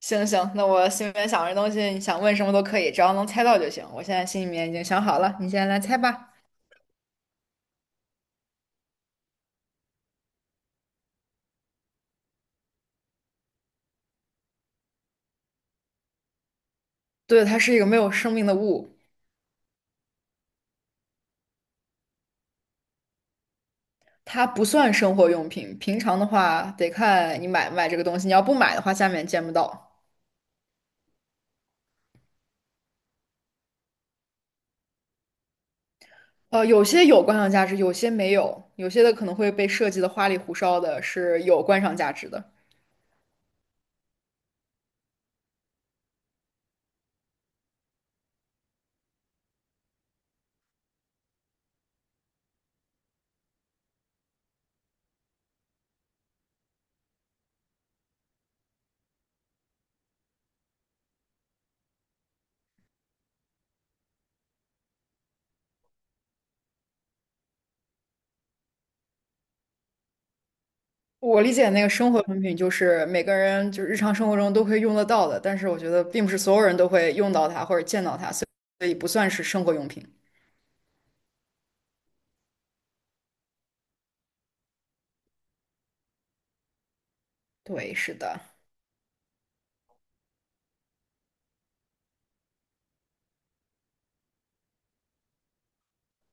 行行，那我心里面想着东西，你想问什么都可以，只要能猜到就行。我现在心里面已经想好了，你现在来猜吧。对，它是一个没有生命的物，它不算生活用品。平常的话，得看你买不买这个东西。你要不买的话，下面见不到。有些有观赏价值，有些没有，有些的可能会被设计的花里胡哨的，是有观赏价值的。我理解那个生活用品就是每个人就是日常生活中都会用得到的，但是我觉得并不是所有人都会用到它或者见到它，所以不算是生活用品。对，是的，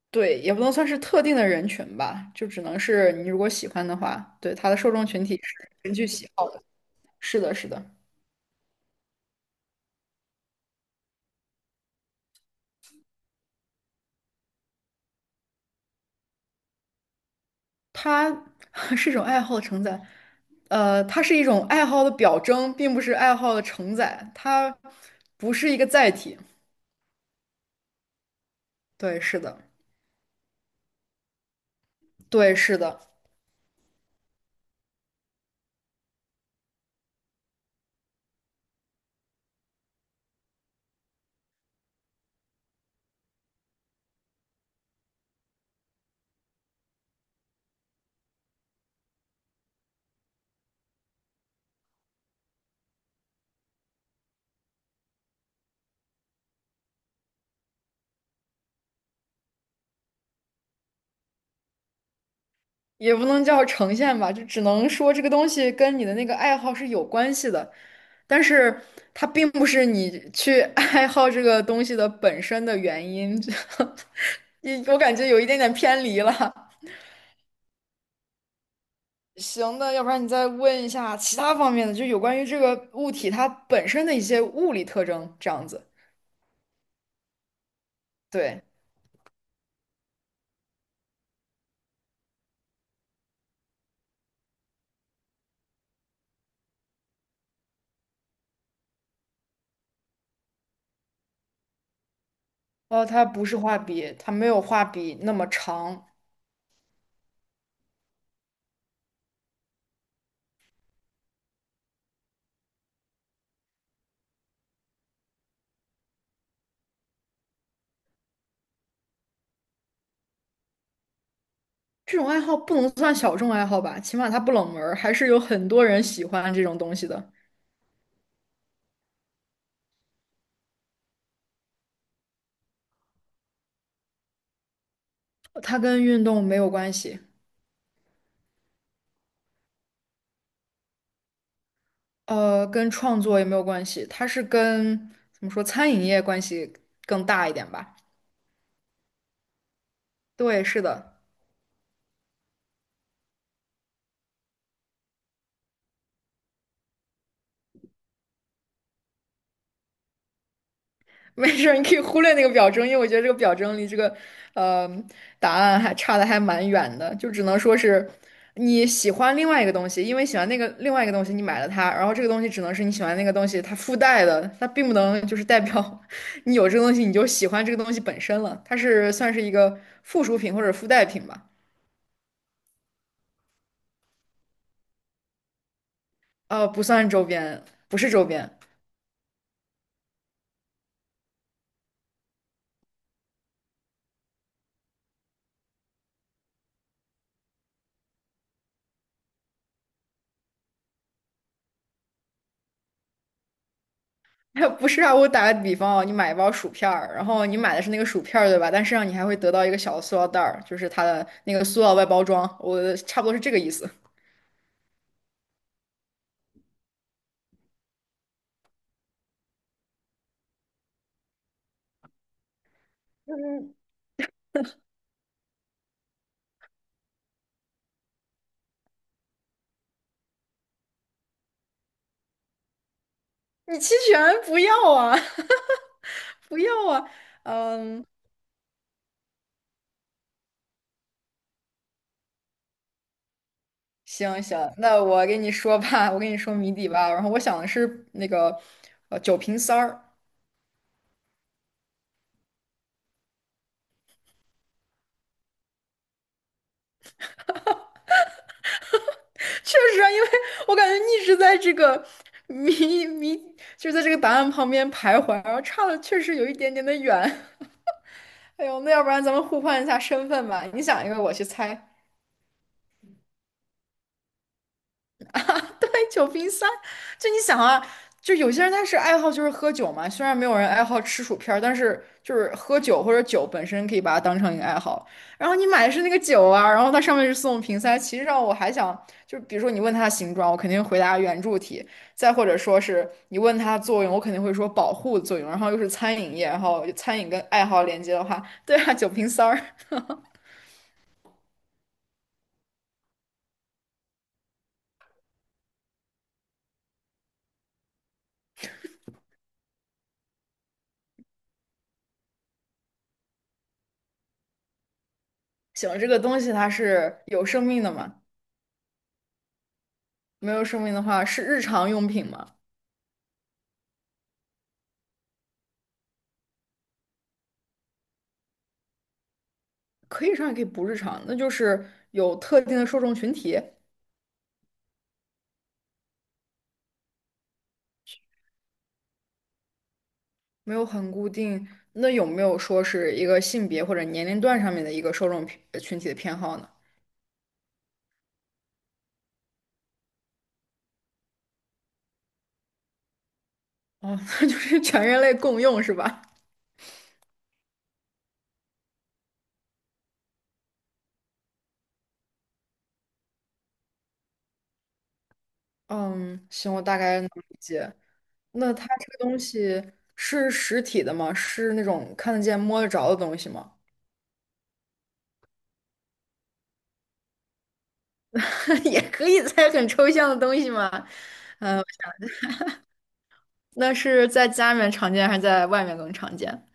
对，也不能算是特定的人群吧，就只能是你如果喜欢的话，对，它的受众群体是根据喜好的。是的，是的，它 是一种爱好的承载，它是一种爱好的表征，并不是爱好的承载，它不是一个载体。对，是的，对，是的。也不能叫呈现吧，就只能说这个东西跟你的那个爱好是有关系的，但是它并不是你去 爱好这个东西的本身的原因，就 你我感觉有一点点偏离了。行的，要不然你再问一下其他方面的，就有关于这个物体它本身的一些物理特征，这样子。对，哦，它不是画笔，它没有画笔那么长。这种爱好不能算小众爱好吧，起码它不冷门儿还是有很多人喜欢这种东西的。它跟运动没有关系，跟创作也没有关系，它是跟怎么说餐饮业关系更大一点吧？对，是的，没事儿，你可以忽略那个表征，因为我觉得这个表征离这个呃答案还差的还蛮远的，就只能说是你喜欢另外一个东西，因为喜欢那个另外一个东西，你买了它，然后这个东西只能是你喜欢那个东西它附带的，它并不能就是代表 你有这个东西你就喜欢这个东西本身了，它是算是一个附属品或者附带品吧。不算周边，不是周边，不是啊。我打个比方啊，你买一包薯片儿，然后你买的是那个薯片儿，对吧？但实际上你还会得到一个小的塑料袋儿，就是它的那个塑料外包装，我差不多是这个意思。嗯，你弃权不要啊，不要啊。嗯，行行，那我给你说吧，我给你说谜底吧。然后我想的是那个酒瓶塞儿，确实啊，因为我感觉一直在这个谜谜，就是在这个答案旁边徘徊，然后差的确实有一点点的远。哎呦，那要不然咱们互换一下身份吧，你想一个，我去猜。酒瓶塞，就你想啊，就有些人他是爱好就是喝酒嘛，虽然没有人爱好吃薯片儿但是就是喝酒或者酒本身可以把它当成一个爱好。然后你买的是那个酒啊，然后它上面是送瓶塞，其实上我还想，就比如说你问它的形状，我肯定回答圆柱体；再或者说是你问它的作用，我肯定会说保护作用。然后又是餐饮业，然后餐饮跟爱好连接的话，对啊，酒瓶塞儿，行，这个东西它是有生命的嘛？没有生命的话是日常用品嘛？可以日常也可以不日常，那就是有特定的受众群体，没有很固定。那有没有说是一个性别或者年龄段上面的一个受众群体的偏好呢？哦，那就是全人类共用是吧？嗯，行，我大概能理解。那它这个东西是实体的吗？是那种看得见、摸得着的东西吗？也可以在很抽象的东西吗？嗯，那是在家里面常见还是在外面更常见？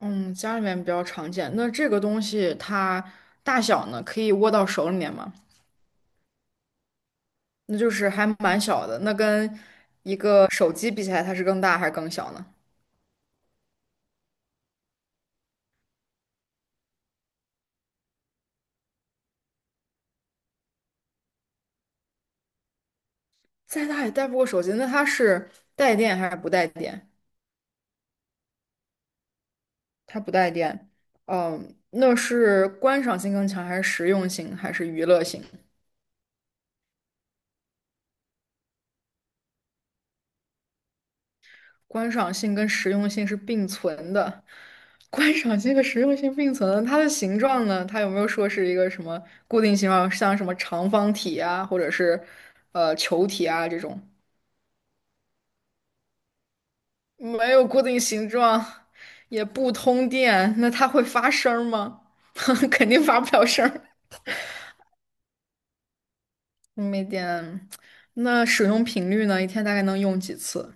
嗯，家里面比较常见。那这个东西它大小呢，可以握到手里面吗？那就是还蛮小的。那跟一个手机比起来，它是更大还是更小呢？再大也带不过手机。那它是带电还是不带电？它不带电。嗯，那是观赏性更强，还是实用性，还是娱乐性？观赏性跟实用性是并存的，观赏性和实用性并存的它的形状呢？它有没有说是一个什么固定形状，像什么长方体啊，或者是球体啊这种？没有固定形状，也不通电，那它会发声儿吗？肯定发不了声儿。嗯没电，那使用频率呢？一天大概能用几次？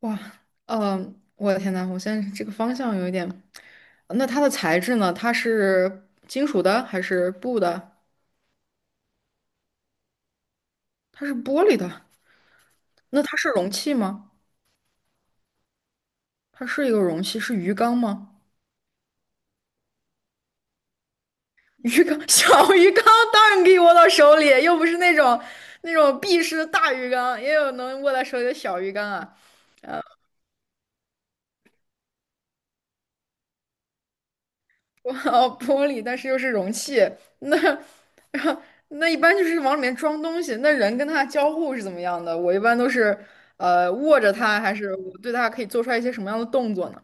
哇，嗯、我的天呐，我现在这个方向有一点。那它的材质呢？它是金属的还是布的？它是玻璃的。那它是容器吗？它是一个容器，是鱼缸吗？鱼缸，小鱼缸当然可以握到手里，又不是那种那种闭式的大鱼缸，也有能握在手里的小鱼缸啊。哇哦，玻璃，但是又是容器，那 那一般就是往里面装东西。那人跟它交互是怎么样的？我一般都是握着它，还是我对它可以做出来一些什么样的动作呢？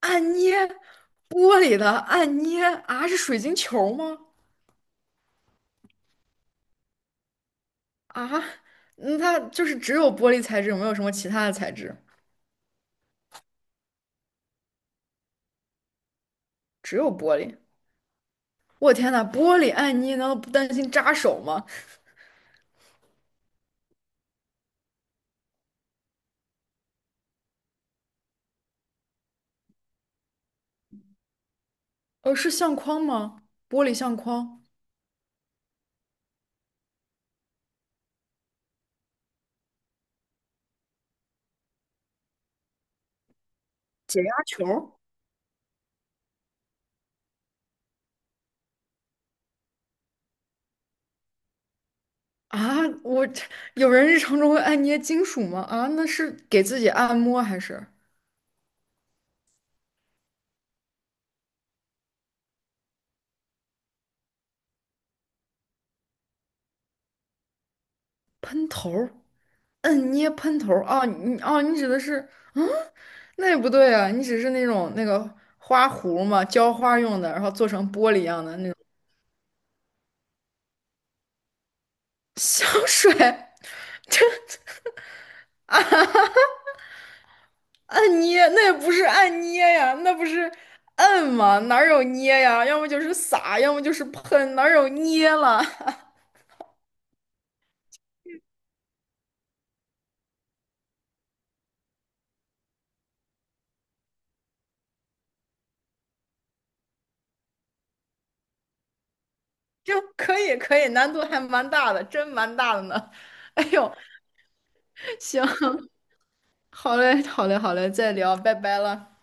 按捏玻璃的按捏啊，是水晶球吗？啊，嗯它就是只有玻璃材质，有没有什么其他的材质，只有玻璃。我天呐，玻璃按捏难道不担心扎手吗？是相框吗？玻璃相框，解压球啊？我这有人日常中会按捏金属吗？啊，那是给自己按摩还是喷头？嗯，捏喷头儿哦，你哦，你指的是，嗯，那也不对啊，你只是那种那个花壶嘛，浇花用的，然后做成玻璃一样的那种香水，这按捏那也不是按捏呀，那不是摁吗？哪儿有捏呀？要么就是撒，要么就是喷，哪儿有捏了？这可以可以，难度还蛮大的，真蛮大的呢。哎呦，行，好嘞，好嘞，好嘞，再聊，拜拜了。